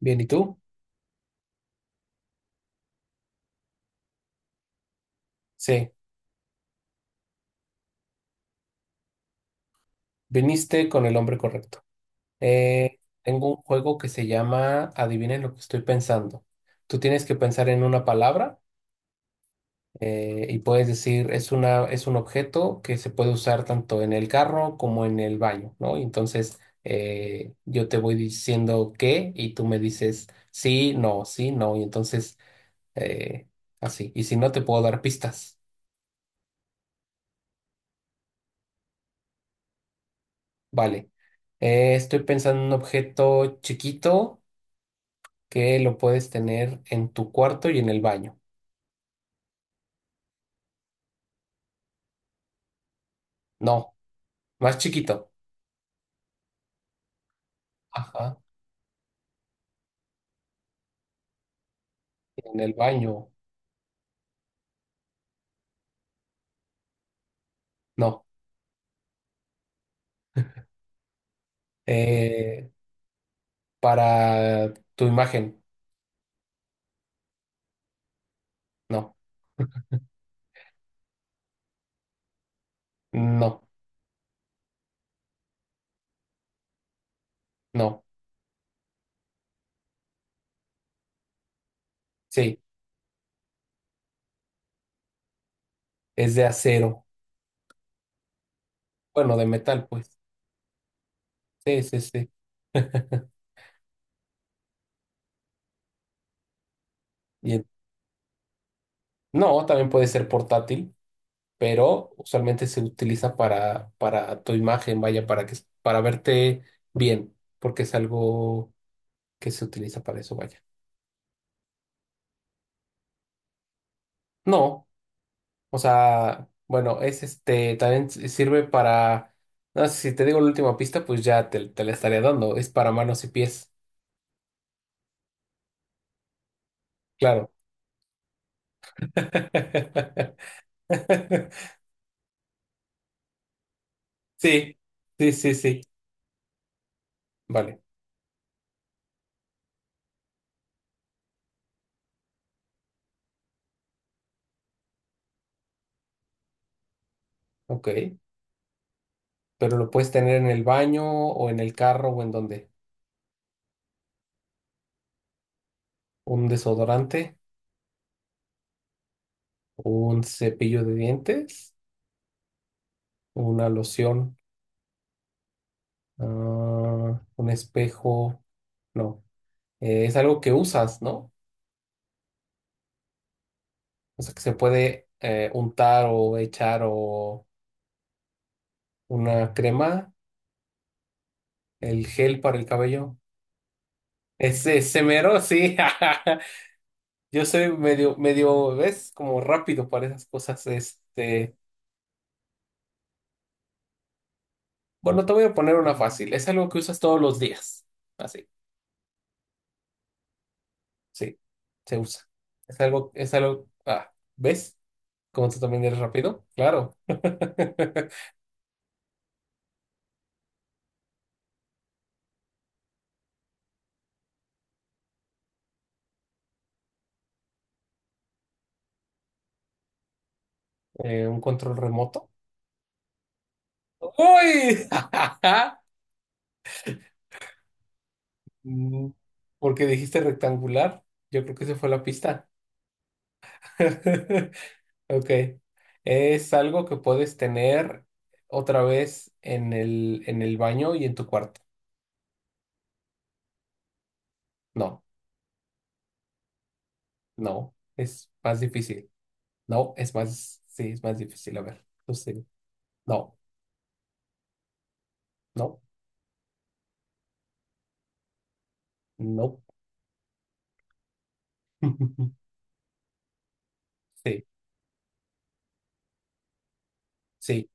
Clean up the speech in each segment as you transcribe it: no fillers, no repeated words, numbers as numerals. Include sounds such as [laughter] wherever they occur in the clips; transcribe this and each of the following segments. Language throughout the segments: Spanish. Bien, ¿y tú? Sí, viniste con el hombre correcto. Tengo un juego que se llama Adivinen lo que estoy pensando. Tú tienes que pensar en una palabra y puedes decir es una, es un objeto que se puede usar tanto en el carro como en el baño, ¿no? Y entonces yo te voy diciendo qué y tú me dices sí, no, sí, no. Y entonces eh, así. Y si no, te puedo dar pistas. Vale. Estoy pensando en un objeto chiquito que lo puedes tener en tu cuarto y en el baño. No, más chiquito. Ajá, en el baño. No. Eh, para tu imagen. No, no, no. Sí, es de acero. Bueno, de metal, pues. Sí, sí, sí. [laughs] Y en- no, también puede ser portátil, pero usualmente se utiliza para tu imagen, vaya, para que, para verte bien, porque es algo que se utiliza para eso, vaya. No. O sea, bueno, es este, también sirve para, no sé, si te digo la última pista, pues ya te la estaría dando, es para manos y pies, claro. [laughs] Sí, sí, sí, sí, vale, ok. Pero lo puedes tener en el baño o en el carro o en donde. Un desodorante, un cepillo de dientes, una loción, ah, un espejo, no. Es algo que usas, ¿no? O sea, que se puede untar o echar o una crema, el gel para el cabello. Ese mero, sí. [laughs] Yo soy medio, ¿ves? Como rápido para esas cosas. Este, bueno, te voy a poner una fácil. Es algo que usas todos los días. Así, sí, se usa. Es algo, ah, ¿ves? Como tú también eres rápido, claro. [laughs] Un control remoto. ¡Uy! [laughs] Mm, porque dijiste rectangular, yo creo que esa fue la pista. [laughs] Ok. Es algo que puedes tener otra vez en el baño y en tu cuarto. No, no, es más difícil. No, es más, sí, es más difícil. A ver, tú sigue. No, no, no. [laughs] Sí, sí.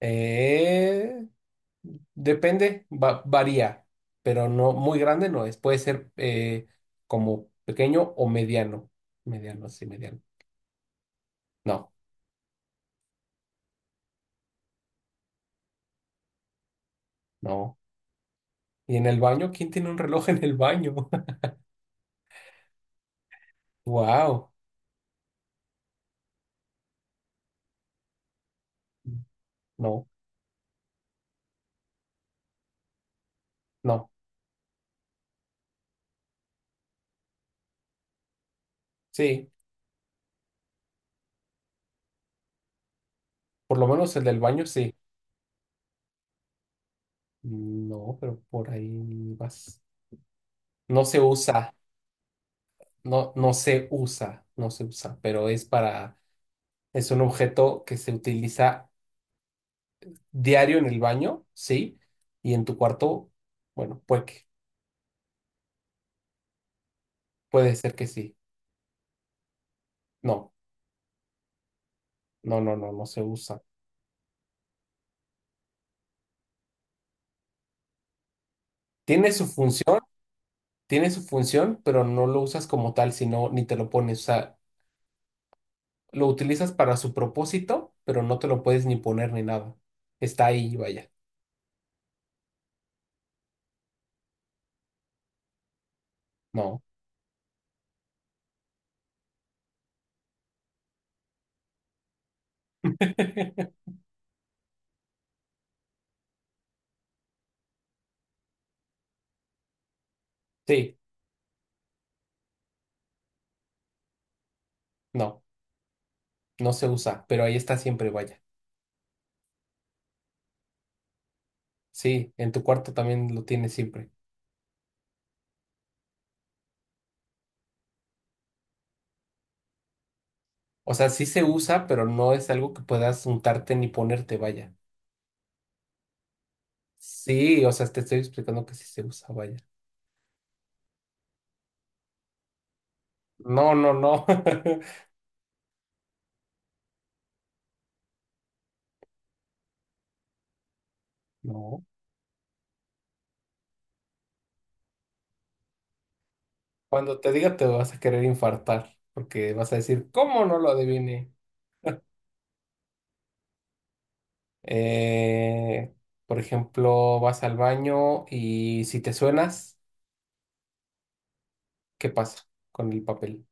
Eh, Depende, varía, pero no muy grande no es. Puede ser como pequeño o mediano. Mediano, sí, mediano. No, no. ¿Y en el baño? ¿Quién tiene un reloj en el baño? [laughs] Wow. No, no. Sí, por lo menos el del baño sí. No, pero por ahí vas. No se usa, no, no se usa, no se usa, pero es para, es un objeto que se utiliza diario en el baño, sí, y en tu cuarto, bueno, puede ser que sí. No, no, no, no, no se usa. Tiene su función, tiene su función, pero no lo usas como tal, sino ni te lo pones, o sea, lo utilizas para su propósito, pero no te lo puedes ni poner ni nada. Está ahí, vaya. No. [laughs] Sí, no, no se usa, pero ahí está siempre, vaya. Sí, en tu cuarto también lo tienes siempre. O sea, sí se usa, pero no es algo que puedas untarte ni ponerte, vaya. Sí, o sea, te estoy explicando que sí se usa, vaya. No, no, no. [laughs] No. Cuando te diga te vas a querer infartar, porque vas a decir, ¿cómo no lo adiviné? Eh, por ejemplo, vas al baño y si te suenas, ¿qué pasa con el papel?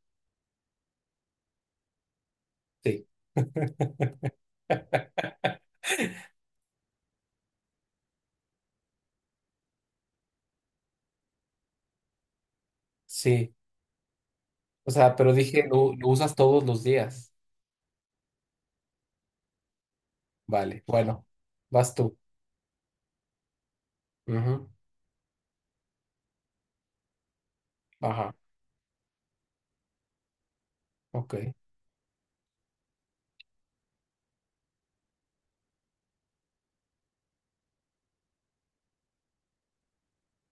Sí, sí. O sea, pero dije, [laughs] lo usas todos los días. Vale, bueno, vas tú. Ujú, ajá, ok.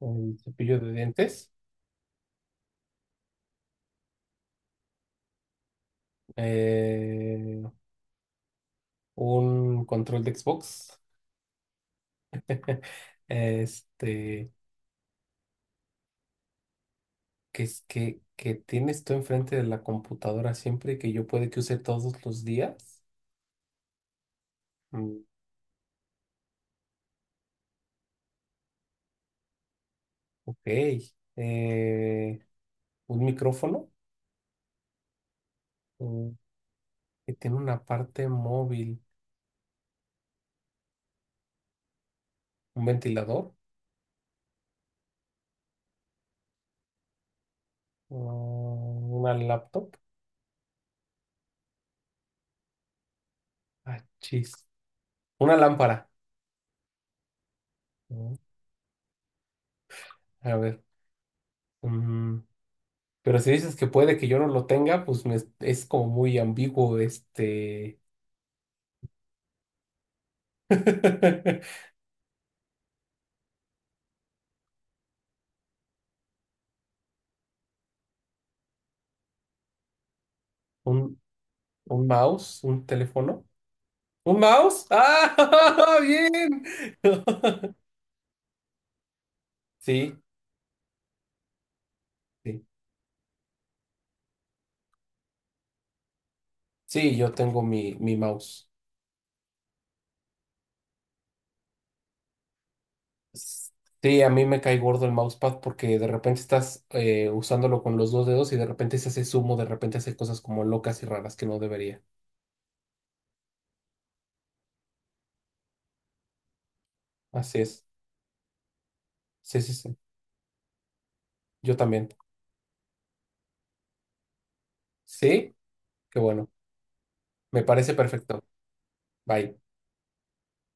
El cepillo de dientes. Eh, un control de Xbox, este, que es que tienes tú enfrente de la computadora siempre y que yo puede que use todos los días. Mm, ok. Eh, un micrófono, mm, que tiene una parte móvil, un ventilador, mm, una laptop. Ah, chis. Una lámpara. Mm, A ver. mm, Pero si dices que puede que yo no lo tenga, pues es como muy ambiguo este. [laughs] Un, ¿un mouse? ¿Un teléfono? ¿Un mouse? ¡Ah! [laughs] ¡Bien! [laughs] Sí, sí. Sí, yo tengo mi, mi mouse. S- Sí, a mí me cae gordo el mousepad porque de repente estás usándolo con los dos dedos y de repente se hace zumo, de repente hace cosas como locas y raras que no debería. Así es. Sí, sí, sí. Yo también. Sí, qué bueno. Me parece perfecto. Bye.